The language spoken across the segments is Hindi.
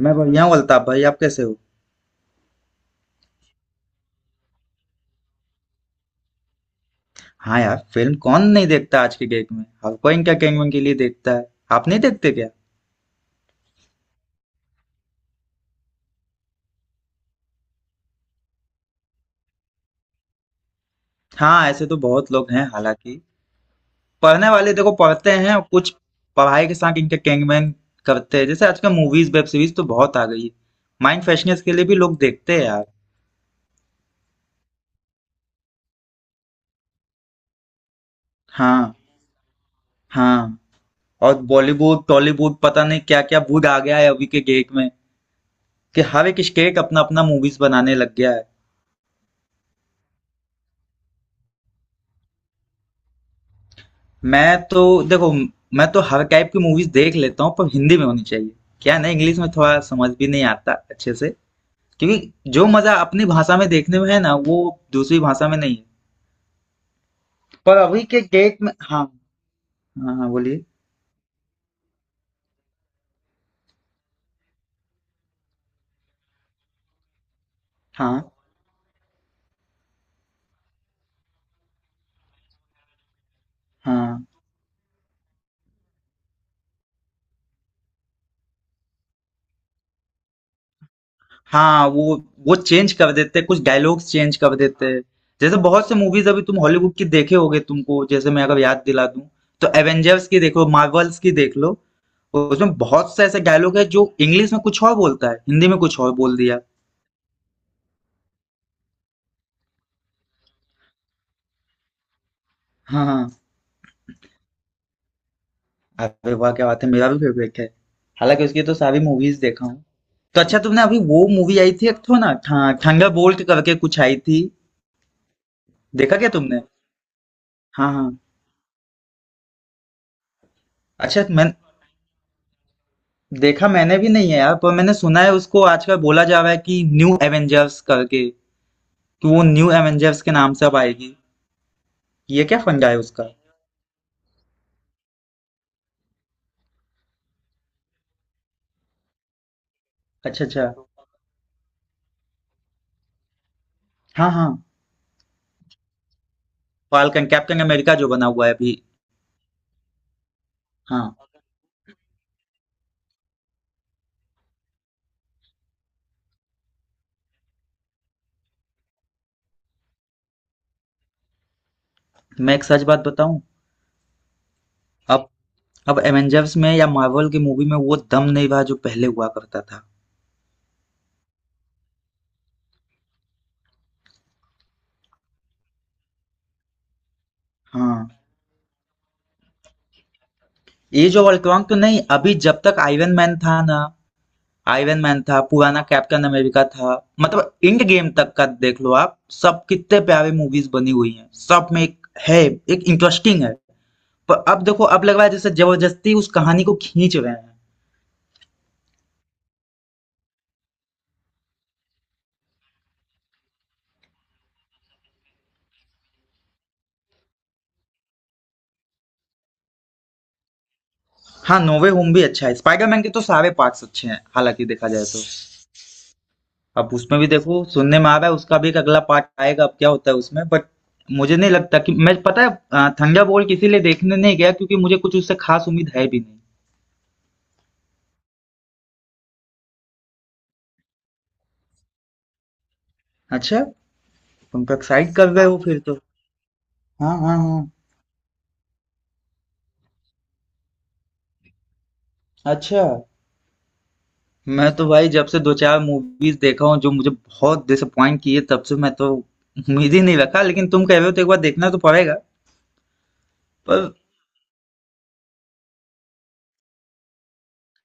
मैं बढ़िया हूँ, अल्ताफ भाई। आप कैसे हो? हाँ यार, फिल्म कौन नहीं देखता। आज के डेट में हर कोई इनका कैंगमैन के लिए देखता है। आप नहीं देखते क्या? हाँ, ऐसे तो बहुत लोग हैं हालांकि। पढ़ने वाले देखो पढ़ते हैं और कुछ पढ़ाई के साथ इनका कैंगमैन करते हैं। जैसे आजकल मूवीज वेब सीरीज तो बहुत आ गई है। माइंड फ्रेशनेस के लिए भी लोग देखते हैं यार। हाँ, हाँ। और बॉलीवुड, टॉलीवुड, पता नहीं क्या क्या वुड आ गया है अभी के डेट में कि हर एक स्टेट अपना अपना मूवीज बनाने लग गया है। मैं तो देखो, मैं तो हर टाइप की मूवीज देख लेता हूँ, पर हिंदी में होनी चाहिए। क्या है ना, इंग्लिश में थोड़ा समझ भी नहीं आता अच्छे से। क्योंकि जो मजा अपनी भाषा में देखने में है ना, वो दूसरी भाषा में नहीं है। पर अभी के डेट में, हाँ। हाँ, हाँ, बोलिए। हाँ, हाँ, हाँ। वो चेंज कर देते हैं, कुछ डायलॉग्स चेंज कर देते हैं। जैसे बहुत से मूवीज अभी तुम हॉलीवुड की देखे होगे, तुमको जैसे मैं अगर याद दिला दूं, तो एवेंजर्स की देखो, मार्वल्स की देख लो। उसमें बहुत से ऐसे डायलॉग है जो इंग्लिश में कुछ और बोलता है, हिंदी में कुछ और बोल दिया। हाँ, हाँ। अरे वाह, क्या बात है! मेरा भी फेवरेट है। हालांकि उसकी तो सारी मूवीज देखा हूँ। तो अच्छा, तुमने अभी वो मूवी आई थी एक तो ना, ठंगा बोल्ट करके कुछ आई थी। देखा क्या तुमने? हाँ, हाँ। अच्छा, मैं देखा मैंने भी नहीं है यार, पर मैंने सुना है उसको आजकल बोला जा रहा है कि न्यू एवेंजर्स करके, कि वो न्यू एवेंजर्स के नाम से अब आएगी। ये क्या फंडा है उसका? अच्छा, अच्छा। हाँ, हाँ। फाल्कन, कैप्टन अमेरिका जो बना हुआ है अभी। हाँ। मैं एक सच बात बताऊं? अब अब एवेंजर्स में या मार्वल की मूवी में वो दम नहीं रहा जो पहले हुआ करता था। हाँ, एज ऑफ अल्ट्रॉन तो नहीं, अभी जब तक आयरन मैन था ना। आयरन मैन था, पुराना कैप्टन अमेरिका था। मतलब इंड गेम तक का देख लो आप, सब कितने प्यारे मूवीज बनी हुई हैं, सब में एक है, एक इंटरेस्टिंग है। पर अब देखो, अब लग रहा है जैसे जबरदस्ती उस कहानी को खींच रहे हैं। हाँ, नोवे होम भी अच्छा है, स्पाइडरमैन के तो सारे पार्ट्स अच्छे हैं, हालांकि देखा जाए तो। अब उसमें भी देखो, सुनने में आ रहा है उसका भी एक अगला पार्ट आएगा, अब क्या होता है उसमें, बट मुझे नहीं लगता कि मैं पता है, थंडर बोल्ट इसीलिए देखने नहीं गया क्योंकि मुझे कुछ उससे खास उम्मीद है भी नहीं। अच्छा, तुम तो एक्साइट कर रहे हो फिर तो। हाँ, हाँ, हाँ। अच्छा, मैं तो भाई जब से दो चार मूवीज देखा हूँ जो मुझे बहुत डिसअपॉइंट किए, तब से मैं तो उम्मीद ही नहीं रखा, लेकिन तुम कह रहे हो तो एक बार देखना तो पड़ेगा। पर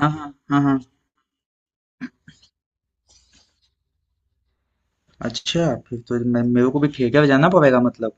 हाँ, हाँ, हाँ, हाँ। अच्छा, फिर तो मैं मेरे को भी थिएटर जाना पड़ेगा मतलब।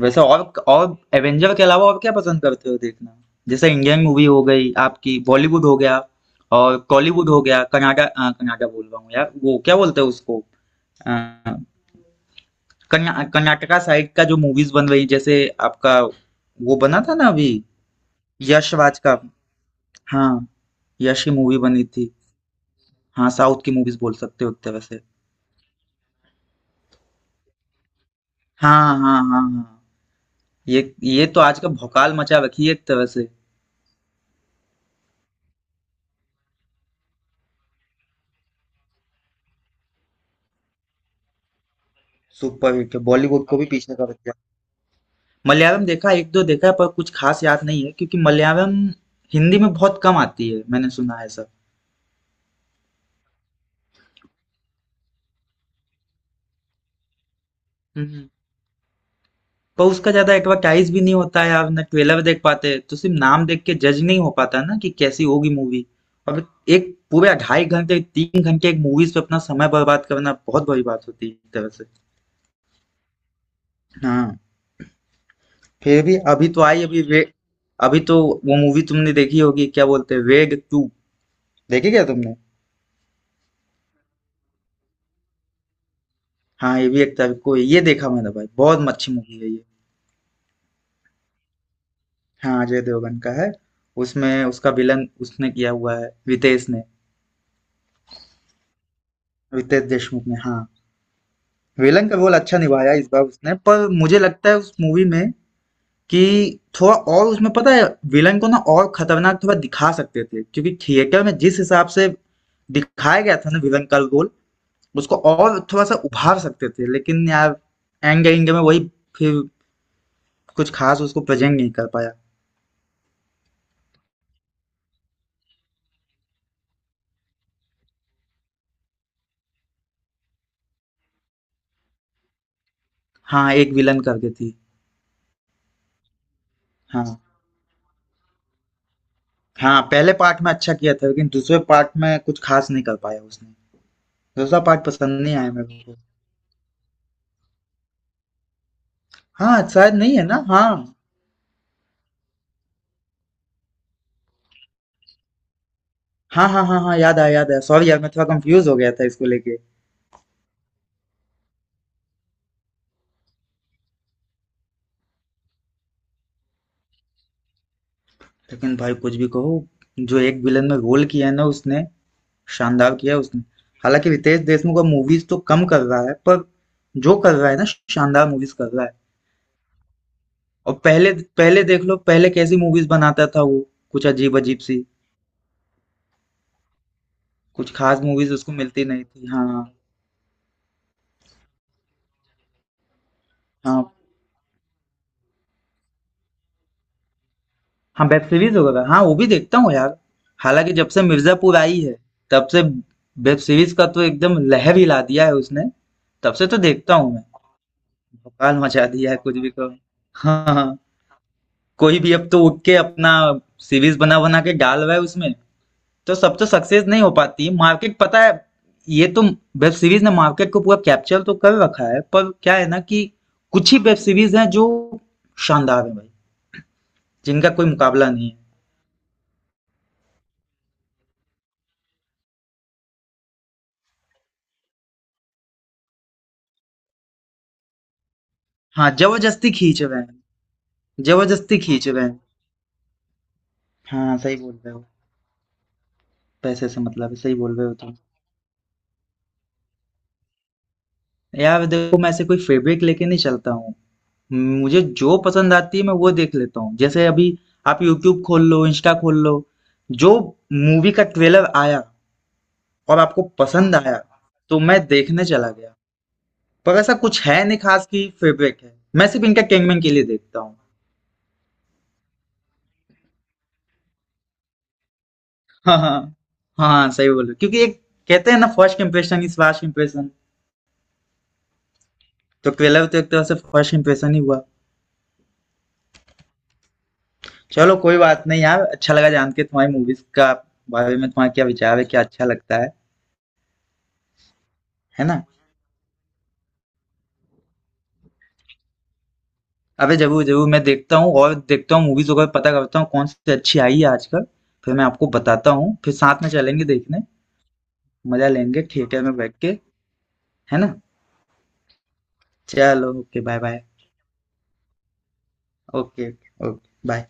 वैसे, और एवेंजर के अलावा और क्या पसंद करते हो देखना? जैसे इंडियन मूवी हो गई आपकी, बॉलीवुड हो गया और कॉलीवुड हो गया, कर्नाटक बोल रहा हूँ यार, वो क्या बोलते हैं उसको। अ, कर्नाटका साइड का जो मूवीज बन रही, जैसे आपका वो बना था ना अभी, यश राज का। हाँ, यश की मूवी बनी थी। हाँ, साउथ की मूवीज बोल सकते हो एक तरह से। हाँ, हाँ, हाँ, हाँ। ये तो आज का भौकाल मचा रखी है एक तरह से। सुपर हिट, बॉलीवुड को भी पीछे कर। मलयालम देखा, एक दो देखा है पर कुछ खास याद नहीं है, क्योंकि मलयालम हिंदी में बहुत कम आती है, मैंने सुना है सब। हम्म। पर उसका ज्यादा एडवर्टाइज भी नहीं होता है, आप ना ट्रेलर देख पाते, तो सिर्फ नाम देख के जज नहीं हो पाता ना कि कैसी होगी मूवी। अब एक पूरे 2.5 घंटे, 3 घंटे एक मूवीज पे अपना समय बर्बाद करना बहुत बड़ी बात होती है एक तरह से। हाँ। फिर भी अभी तो आई, अभी रे, अभी तो वो मूवी तुमने देखी होगी, क्या बोलते हैं, रेड 2। देखी क्या तुमने? हाँ, ये भी एक तरह को, ये देखा मैंने भाई, बहुत अच्छी मूवी है ये। हाँ, अजय देवगन का है। उसमें उसका विलन उसने किया हुआ है, रितेश ने। रितेश देशमुख ने, हाँ। विलन का रोल अच्छा निभाया इस बार उसने, पर मुझे लगता है उस मूवी में कि थोड़ा और उसमें, पता है, विलन को ना और खतरनाक थोड़ा दिखा सकते थे, क्योंकि थिएटर में जिस हिसाब से दिखाया गया था ना विलन का रोल, उसको और थोड़ा सा उभार सकते थे, लेकिन यार एंगे एंगे में वही, फिर कुछ खास उसको प्रेजेंट नहीं कर पाया। हाँ, एक विलन करके थी। हाँ, हाँ, पहले पार्ट में अच्छा किया था लेकिन दूसरे पार्ट में कुछ खास नहीं कर पाया उसने। दूसरा पार्ट पसंद नहीं आया मेरे को। हाँ, शायद नहीं है ना? हाँ। हाँ, हाँ, हाँ, हाँ, याद आया याद आया। सॉरी यार, मैं थोड़ा कंफ्यूज हो गया था इसको लेके। लेकिन भाई कुछ भी कहो, जो एक विलन में रोल किया है ना उसने, शानदार किया है उसने। हालांकि रितेश देशमुख अब मूवीज तो कम कर रहा है, पर जो कर रहा है ना, शानदार मूवीज कर रहा है। और पहले पहले देख लो, पहले कैसी मूवीज बनाता था वो, कुछ अजीब अजीब सी। कुछ खास मूवीज उसको मिलती नहीं थी, हाँ। हाँ, हाँ, वेब सीरीज़ वगैरह, हाँ, वो भी देखता हूँ यार। हालाँकि जब से मिर्ज़ापुर आई है, तब से वेब सीरीज़ का तो एकदम लहर हिला दिया है उसने। तब से तो देखता हूँ मैं। भोकाल मचा दिया है कुछ भी कहो। हाँ, हाँ। कोई भी अब तो उठ के अपना सीरीज़ बना-बना के डाल रहा है उसमें, तो सब तो सक्सेस नहीं हो पाती। मार्केट पता है, ये तो वेब सीरीज़ ने मार्केट को पूरा कैप्चर तो कर रखा है, पर क्या है ना कि कुछ ही वेब सीरीज़ हैं जो शानदार हैं भाई, जिनका कोई मुकाबला नहीं है। हाँ, ज़बरदस्ती खींच रहे हैं। जबरदस्ती खींच रहे हैं। हाँ, सही बोल रहे हो। पैसे से मतलब है, सही बोल रहे हो तुम। यार देखो, मैं ऐसे कोई फेब्रिक लेके नहीं चलता हूँ। मुझे जो पसंद आती है, मैं वो देख लेता हूँ। जैसे अभी आप यूट्यूब खोल लो, इंस्टा खोल लो, जो मूवी का ट्रेलर आया और आपको पसंद आया, तो मैं देखने चला गया। पर ऐसा कुछ है नहीं खास की फेब्रिक है, मैं सिर्फ इनका कैंगमैन के लिए देखता हूँ। हाँ, हाँ, हाँ, सही बोलो। क्योंकि एक कहते हैं ना, first impression is last impression. तो ट्रेलर तो एक तरह से फर्स्ट इम्प्रेशन ही हुआ। चलो कोई बात नहीं यार। अच्छा लगा जान के तुम्हारी मूवीज का बारे में तुम्हारा क्या विचार है, क्या अच्छा लगता है। है ना? अबे जरूर जरूर, मैं देखता हूँ और देखता हूँ मूवीज वगैरह, पता करता हूँ कौन सी अच्छी आई है आजकल। फिर मैं आपको बताता हूँ, फिर साथ में चलेंगे देखने। मजा लेंगे थिएटर में बैठ के। है ना? चलो, okay, bye bye. Okay, okay, bye.